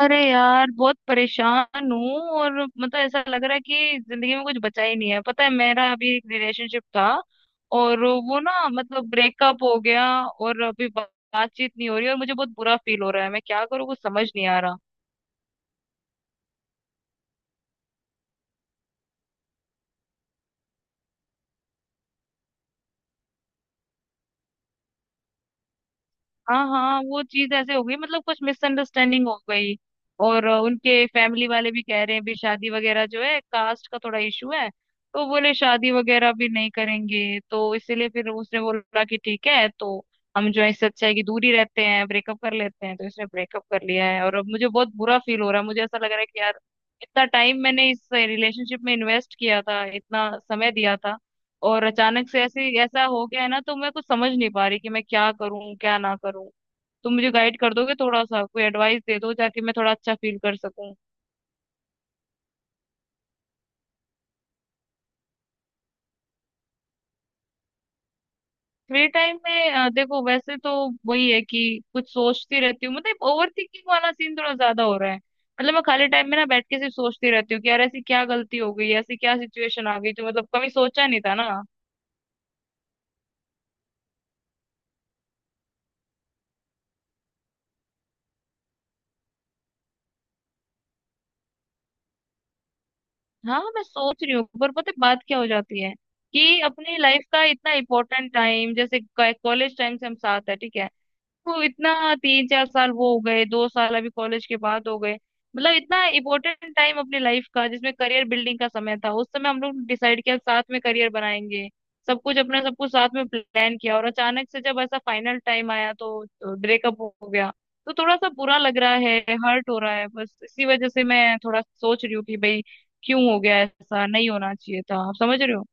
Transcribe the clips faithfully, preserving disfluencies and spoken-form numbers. अरे यार, बहुत परेशान हूँ। और मतलब ऐसा लग रहा है कि जिंदगी में कुछ बचा ही नहीं है। पता है, मेरा अभी एक रिलेशनशिप था और वो ना मतलब ब्रेकअप हो गया। और अभी बा- बातचीत नहीं हो रही और मुझे बहुत बुरा फील हो रहा है। मैं क्या करूँ? कुछ समझ नहीं आ रहा। हाँ हाँ, वो चीज ऐसे हो गई, मतलब कुछ मिसअंडरस्टैंडिंग हो गई। और अ, उनके फैमिली वाले भी कह रहे हैं भी शादी वगैरह जो है, कास्ट का थोड़ा इशू है। तो बोले शादी वगैरह भी नहीं करेंगे। तो इसीलिए फिर उसने बोला कि ठीक है, तो हम जो है, इससे अच्छा है कि दूर ही रहते हैं, ब्रेकअप कर लेते हैं। तो इसने ब्रेकअप कर लिया है और अब मुझे बहुत बुरा फील हो रहा है। मुझे ऐसा लग रहा है कि यार, इतना टाइम मैंने इस रिलेशनशिप में इन्वेस्ट किया था, इतना समय दिया था। और अचानक से ऐसे ऐसा हो गया है ना, तो मैं कुछ समझ नहीं पा रही कि मैं क्या करूं, क्या ना करूं। तुम मुझे गाइड कर दोगे थोड़ा सा? कोई एडवाइस दे दो ताकि मैं थोड़ा अच्छा फील कर सकूं। फ्री टाइम में अ, देखो, वैसे तो वही है कि कुछ सोचती रहती हूँ। मतलब ओवर थिंकिंग वाला सीन थोड़ा ज्यादा हो रहा है। मतलब मैं खाली टाइम में ना बैठ के सिर्फ सोचती रहती हूँ कि यार, ऐसी क्या गलती हो गई, ऐसी क्या सिचुएशन आ गई जो, मतलब, कभी सोचा नहीं था ना। हाँ, मैं सोच रही हूँ पर पता है बात क्या हो जाती है कि अपनी लाइफ का इतना इम्पोर्टेंट टाइम, जैसे कॉलेज टाइम से हम साथ है, ठीक है वो इतना, तीन चार साल वो हो गए, दो साल अभी कॉलेज के बाद हो गए। मतलब इतना इम्पोर्टेंट टाइम अपनी लाइफ का, जिसमें करियर बिल्डिंग का समय था, उस समय हम लोग डिसाइड किया साथ में करियर बनाएंगे। सब कुछ अपना सब कुछ साथ में प्लान किया और अचानक से जब ऐसा फाइनल टाइम आया तो ब्रेकअप हो गया। तो थोड़ा सा बुरा लग रहा है, हर्ट हो रहा है। बस इसी वजह से मैं थोड़ा सोच रही हूँ कि भाई, क्यों हो गया? ऐसा नहीं होना चाहिए था। आप समझ रहे हो।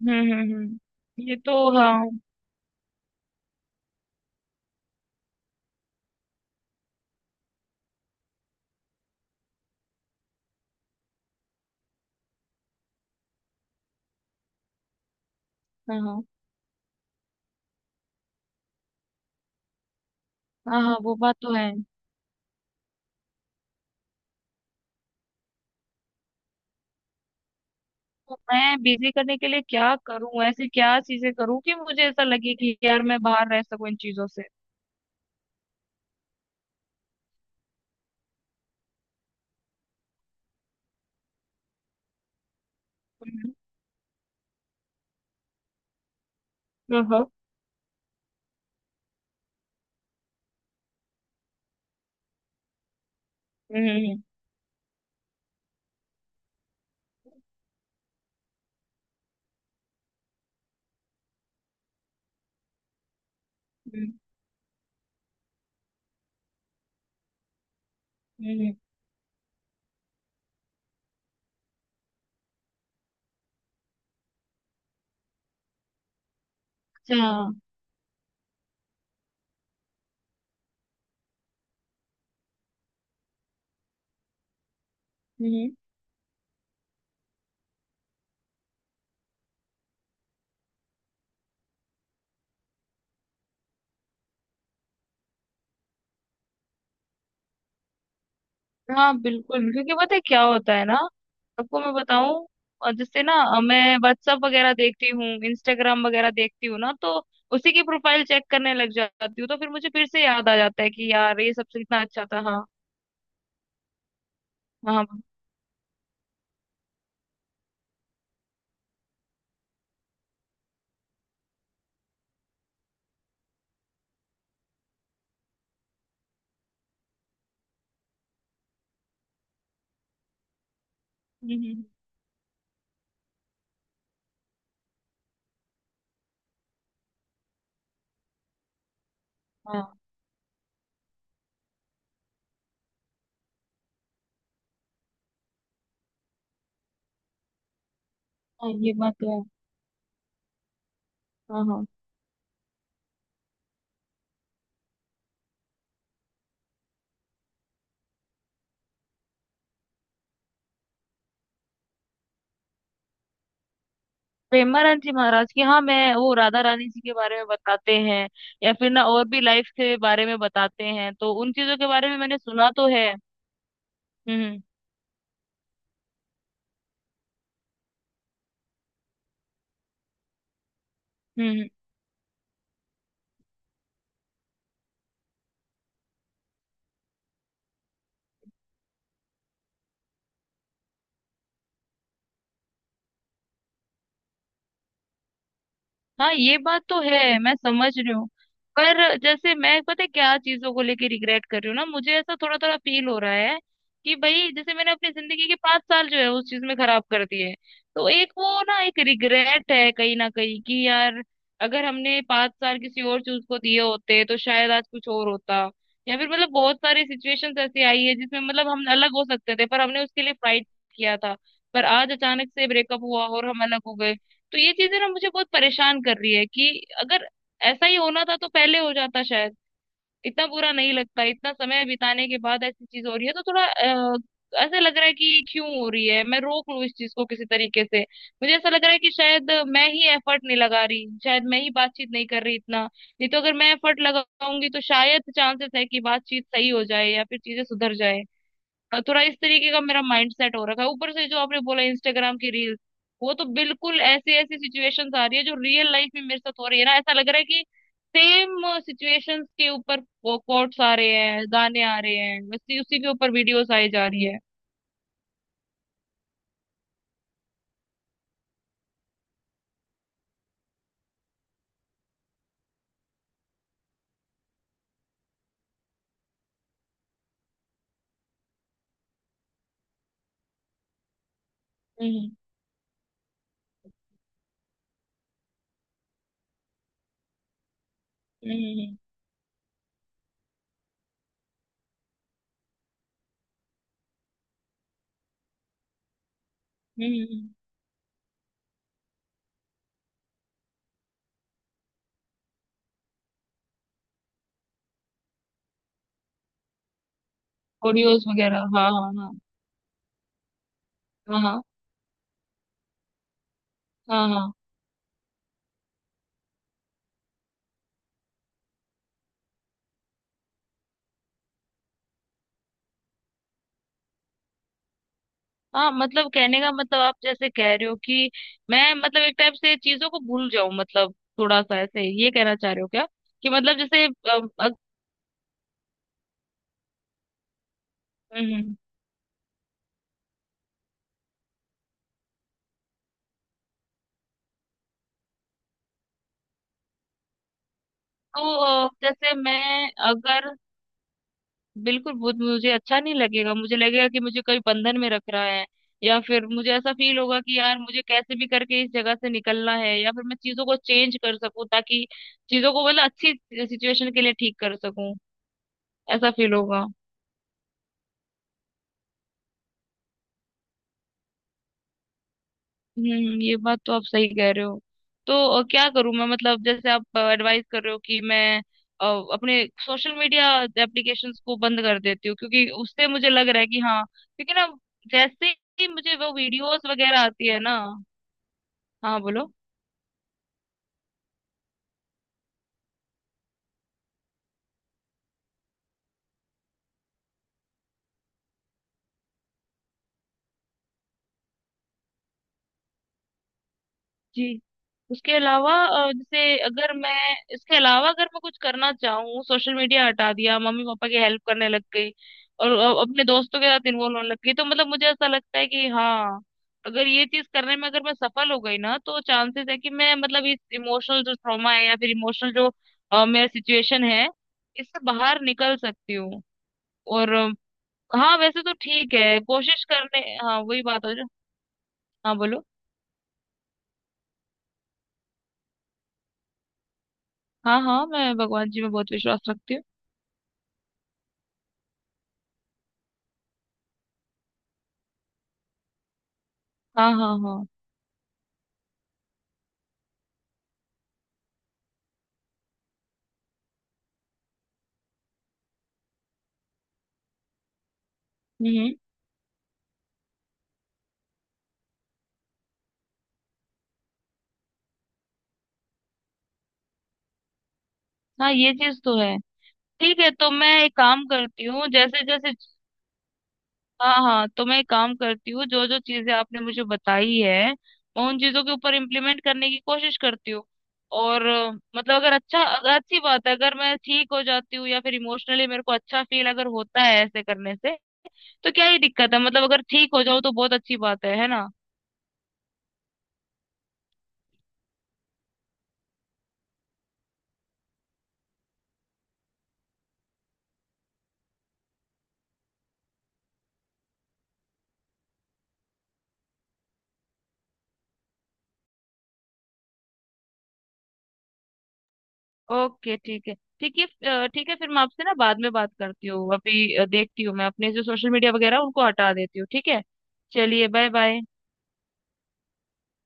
हम्म हम्म हम्म। ये तो, हाँ। हाँ हाँ हाँ। हाँ, वो बात तो है। तो मैं बिजी करने के लिए क्या करूं? ऐसी क्या चीजें करूं कि मुझे ऐसा लगे कि यार, मैं बाहर रह सकूं इन चीजों से। हम्म। हाँ। हम्म हम्म, हम्म, अच्छा, हम्म। हाँ बिल्कुल, क्योंकि पता है क्या होता है ना। आपको मैं बताऊं, अ, जैसे ना अ, मैं व्हाट्सअप वगैरह देखती हूँ, इंस्टाग्राम वगैरह देखती हूँ ना, तो उसी की प्रोफाइल चेक करने लग जाती हूँ। तो फिर मुझे फिर से याद आ जाता है कि यार, ये सबसे इतना अच्छा था। हाँ हाँ हाँ। हम्म, हम्म, हाँ हाँ, ये बात तो है। हाँ हाँ। पेमानंद जी महाराज की, हाँ, मैं वो राधा रानी जी के बारे में बताते हैं, या फिर ना और भी लाइफ के बारे में बताते हैं, तो उन चीजों के बारे में मैंने सुना तो है। हम्म हम्म हम्म। हाँ, ये बात तो है, मैं समझ रही हूँ। पर जैसे मैं, पता है क्या चीजों को लेके रिग्रेट कर रही हूँ ना, मुझे ऐसा थोड़ा थोड़ा फील हो रहा है कि भाई, जैसे मैंने अपनी जिंदगी के पांच साल जो है, उस चीज में खराब कर दिए। तो एक वो ना एक रिग्रेट है कहीं ना कहीं कि यार, अगर हमने पांच साल किसी और चीज को दिए होते तो शायद आज कुछ और होता। या फिर मतलब बहुत सारी सिचुएशंस ऐसी आई है जिसमें मतलब हम अलग हो सकते थे पर हमने उसके लिए फाइट किया था। पर आज अचानक से ब्रेकअप हुआ और हम अलग हो गए। तो ये चीजें ना मुझे बहुत परेशान कर रही है कि अगर ऐसा ही होना था तो पहले हो जाता शायद, इतना बुरा नहीं लगता। इतना समय बिताने के बाद ऐसी चीज हो रही है तो थोड़ा अ, ऐसा लग रहा है कि क्यों हो रही है? मैं रोक लूं इस चीज को किसी तरीके से? मुझे ऐसा लग रहा है कि शायद मैं ही एफर्ट नहीं लगा रही, शायद मैं ही बातचीत नहीं कर रही इतना नहीं, तो अगर मैं एफर्ट लगाऊंगी तो शायद चांसेस है कि बातचीत सही हो जाए या फिर चीजें सुधर जाए। अ, थोड़ा इस तरीके का मेरा माइंड सेट हो रखा है। ऊपर से जो आपने बोला इंस्टाग्राम की रील्स, वो तो बिल्कुल ऐसी ऐसी सिचुएशंस आ रही है जो रियल लाइफ में मेरे साथ हो रही है ना, ऐसा लग रहा है कि सेम सिचुएशंस के ऊपर कोट्स आ रहे हैं, गाने आ रहे हैं, वैसे उसी के ऊपर वीडियोस आई जा रही है। हम्म हम्म हम्म। ऑडियोज वगैरह, हाँ हाँ। हाँ हाँ हाँ हाँ हाँ। मतलब कहने का मतलब आप जैसे कह रहे हो कि मैं, मतलब एक टाइप से चीजों को भूल जाऊं, मतलब थोड़ा सा ऐसे, ये कहना चाह रहे हो क्या? कि मतलब जैसे अ, अग, हम्म हम्म। तो अ, जैसे मैं अगर, बिल्कुल वो मुझे अच्छा नहीं लगेगा। मुझे लगेगा कि मुझे कोई बंधन में रख रहा है या फिर मुझे ऐसा फील होगा कि यार, मुझे कैसे भी करके इस जगह से निकलना है या फिर मैं चीजों को चेंज कर सकूं ताकि चीजों को, मतलब, अच्छी सिचुएशन के लिए ठीक कर सकूं, ऐसा फील होगा। हम्म, ये बात तो आप सही कह रहे हो। तो अ, क्या करूं मैं? मतलब जैसे आप एडवाइस कर रहे हो कि मैं अ, अपने सोशल मीडिया एप्लीकेशंस को बंद कर देती हूँ, क्योंकि उससे मुझे लग रहा है कि हाँ, क्योंकि ना जैसे ही मुझे वो वीडियोस वगैरह आती है ना। हाँ बोलो। जी। उसके अलावा अ, जैसे अगर मैं, इसके अलावा अगर मैं कुछ करना चाहूँ, सोशल मीडिया हटा दिया, मम्मी पापा की हेल्प करने लग गई और अ, अपने दोस्तों के साथ इन्वॉल्व होने लग गई, तो मतलब मुझे ऐसा लगता है कि हाँ, अगर ये चीज करने में अगर मैं सफल हो गई ना, तो चांसेस है कि मैं मतलब इस इमोशनल जो ट्रॉमा है या फिर इमोशनल जो अ, मेरा सिचुएशन है, इससे बाहर निकल सकती हूँ। और अ, हाँ वैसे तो ठीक है कोशिश करने, हाँ वही बात हो जो। हाँ बोलो। हाँ हाँ, मैं भगवान जी में बहुत विश्वास रखती हूँ। हाँ हाँ हाँ। हम्म। हाँ ये चीज तो है। ठीक है, तो मैं एक काम करती हूँ जैसे जैसे, हाँ हाँ, तो मैं एक काम करती हूँ जो जो चीजें आपने मुझे बताई है, मैं उन चीजों के ऊपर इम्प्लीमेंट करने की कोशिश करती हूँ। और अ, मतलब अगर, अच्छा अगर अच्छी बात है, अगर मैं ठीक हो जाती हूँ या फिर इमोशनली मेरे को अच्छा फील अगर होता है ऐसे करने से, तो क्या ही दिक्कत है? मतलब अगर ठीक हो जाओ तो बहुत अच्छी बात है है ना। ओके ठीक है। ठीक है। अ, ठीक है, फिर मैं आपसे ना बाद में बात करती हूँ। अभी अ, देखती हूँ, मैं अपने जो सोशल मीडिया वगैरह उनको हटा देती हूँ, ठीक है। चलिए, बाय बाय।